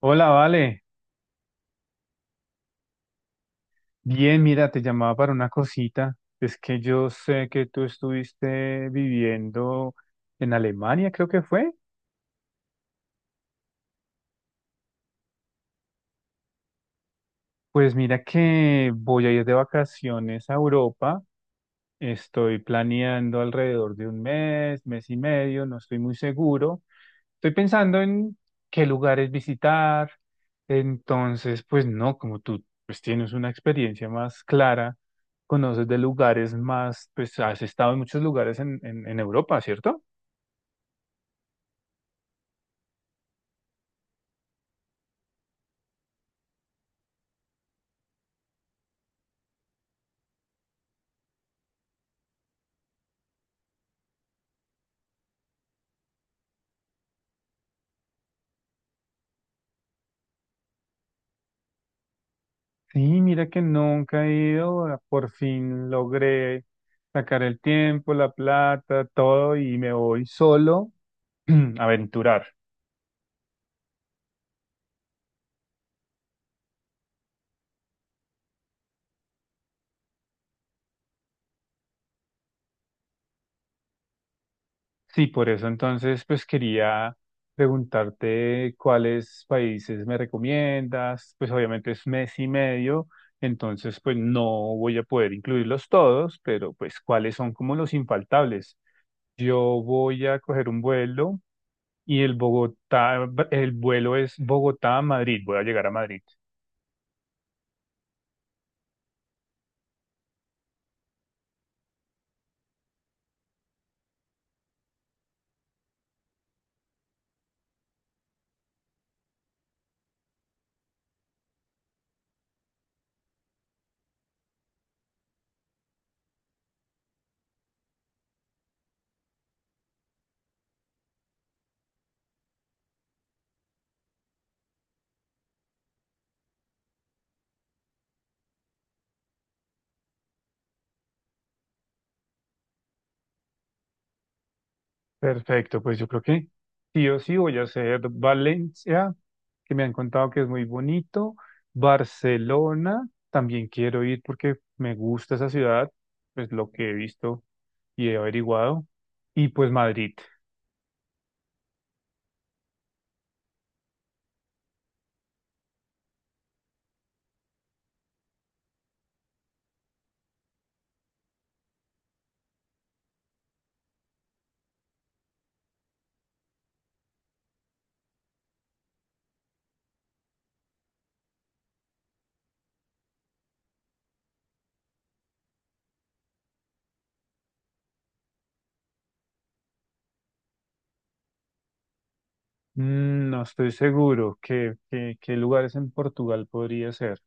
Hola, Vale. Bien, mira, te llamaba para una cosita. Es que yo sé que tú estuviste viviendo en Alemania, creo que fue. Pues mira que voy a ir de vacaciones a Europa. Estoy planeando alrededor de un mes, mes y medio, no estoy muy seguro. Estoy pensando en qué lugares visitar. Entonces, pues no, como tú pues tienes una experiencia más clara, conoces de lugares más, pues has estado en muchos lugares en Europa, ¿cierto? Sí, mira que nunca he ido, ah, por fin logré sacar el tiempo, la plata, todo y me voy solo a aventurar. Sí, por eso entonces pues quería preguntarte cuáles países me recomiendas, pues obviamente es mes y medio, entonces pues no voy a poder incluirlos todos, pero pues cuáles son como los infaltables. Yo voy a coger un vuelo y el Bogotá, el vuelo es Bogotá-Madrid, a Madrid, voy a llegar a Madrid. Perfecto, pues yo creo que sí o sí voy a hacer Valencia, que me han contado que es muy bonito. Barcelona, también quiero ir porque me gusta esa ciudad, pues lo que he visto y he averiguado. Y pues Madrid. Mm, no estoy seguro qué, qué lugares en Portugal podría ser.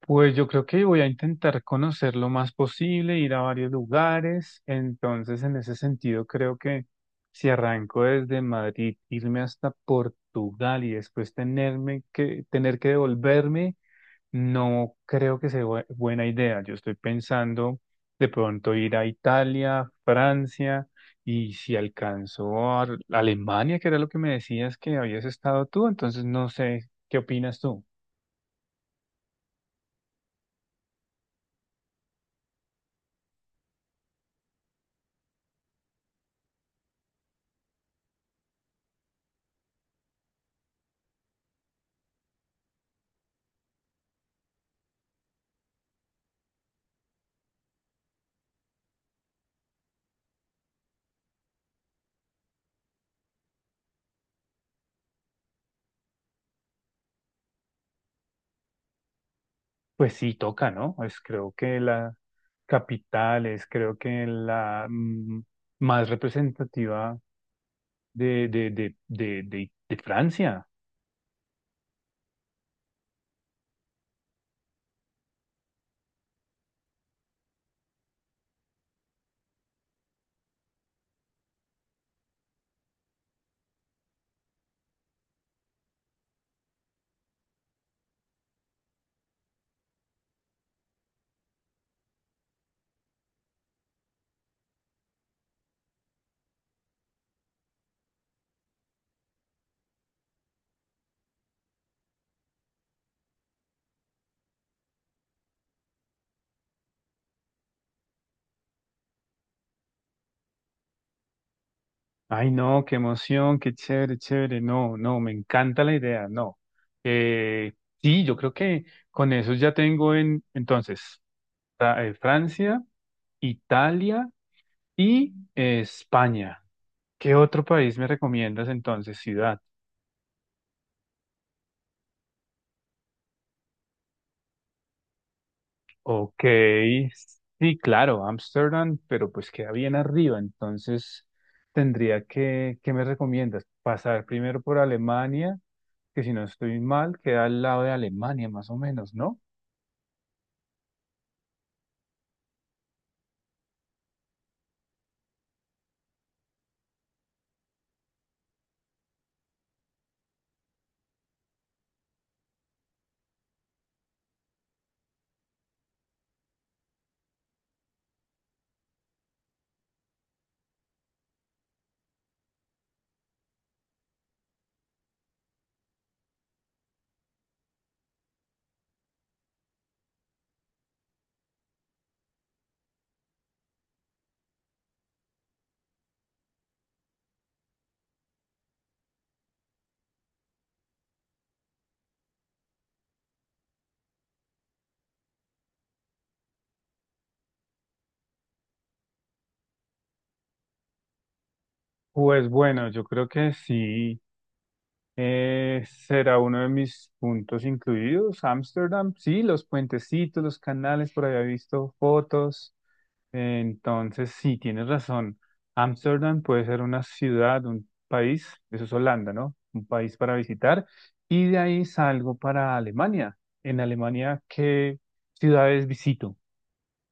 Pues yo creo que voy a intentar conocer lo más posible, ir a varios lugares. Entonces, en ese sentido, creo que si arranco desde Madrid, irme hasta Portugal y después tener que devolverme, no creo que sea buena idea. Yo estoy pensando de pronto ir a Italia, Francia y si alcanzo a Alemania, que era lo que me decías que habías estado tú, entonces no sé, ¿qué opinas tú? Pues sí, toca, ¿no? Es creo que la capital, es creo que la más representativa de Francia. Ay, no, qué emoción, qué chévere, chévere. No, no, me encanta la idea, no. Eh, sí, yo creo que con eso ya tengo en, entonces, Francia, Italia y España. ¿Qué otro país me recomiendas entonces, ciudad? Ok, sí, claro, Ámsterdam, pero pues queda bien arriba, entonces tendría que, ¿qué me recomiendas? Pasar primero por Alemania, que si no estoy mal, queda al lado de Alemania más o menos, ¿no? Pues bueno, yo creo que sí, será uno de mis puntos incluidos, Ámsterdam, sí, los puentecitos, los canales, por ahí he visto fotos. Entonces, sí, tienes razón. Ámsterdam puede ser una ciudad, un país, eso es Holanda, ¿no? Un país para visitar. Y de ahí salgo para Alemania. En Alemania, ¿qué ciudades visito?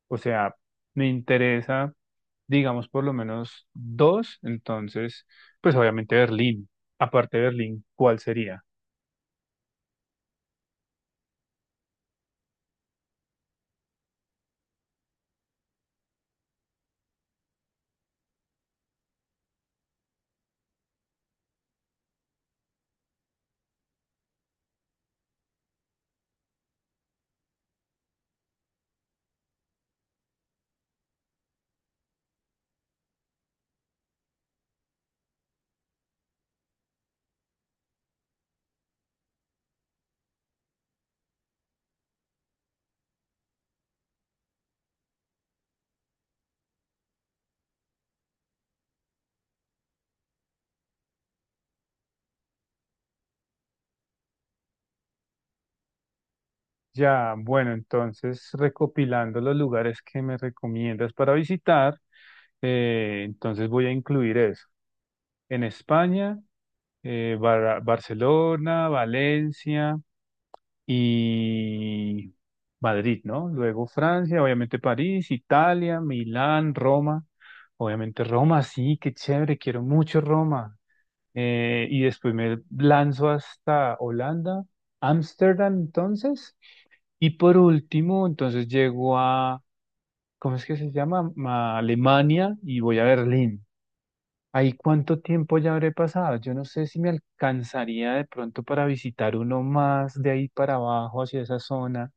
O sea, me interesa, digamos, por lo menos dos. Entonces, pues obviamente Berlín. Aparte de Berlín, ¿cuál sería? Ya, bueno, entonces recopilando los lugares que me recomiendas para visitar, entonces voy a incluir eso. En España, Barcelona, Valencia y Madrid, ¿no? Luego Francia, obviamente París, Italia, Milán, Roma. Obviamente Roma, sí, qué chévere, quiero mucho Roma. Y después me lanzo hasta Holanda, Ámsterdam, entonces. Y por último, entonces llego a, ¿cómo es que se llama? A Alemania y voy a Berlín. Ahí cuánto tiempo ya habré pasado. Yo no sé si me alcanzaría de pronto para visitar uno más de ahí para abajo, hacia esa zona.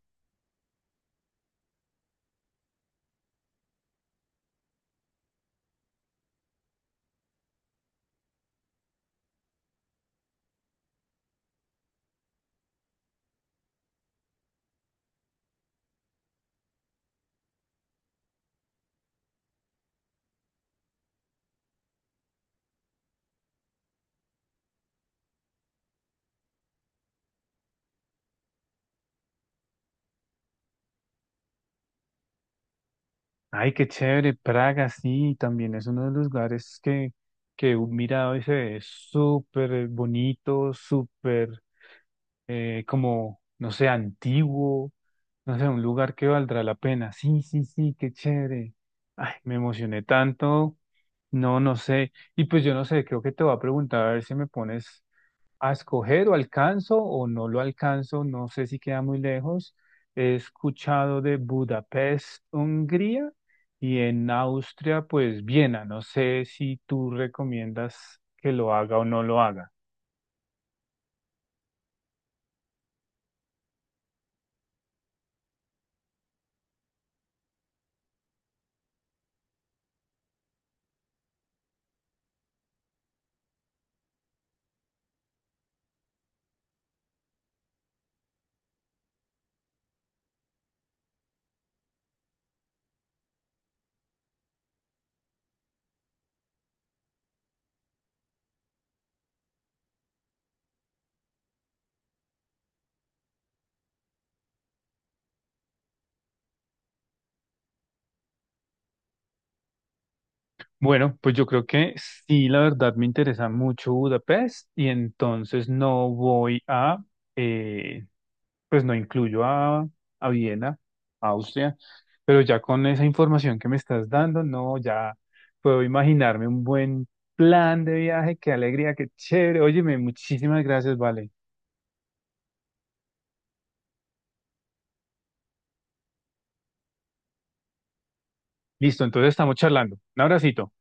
Ay, qué chévere. Praga, sí, también es uno de los lugares que he mirado y se ve súper bonito, súper como, no sé, antiguo. No sé, un lugar que valdrá la pena. Sí, sí, sí, qué chévere. Ay, me emocioné tanto. No, no sé. Y pues yo no sé, creo que te voy a preguntar a ver si me pones a escoger o alcanzo o no lo alcanzo, no sé si queda muy lejos. He escuchado de Budapest, Hungría y en Austria, pues Viena. No sé si tú recomiendas que lo haga o no lo haga. Bueno, pues yo creo que sí, la verdad me interesa mucho Budapest y entonces no voy a, eh, pues no incluyo a Viena, Austria, pero ya con esa información que me estás dando, no, ya puedo imaginarme un buen plan de viaje, qué alegría, qué chévere. Óyeme, muchísimas gracias, vale. Listo, entonces estamos charlando. Un abracito.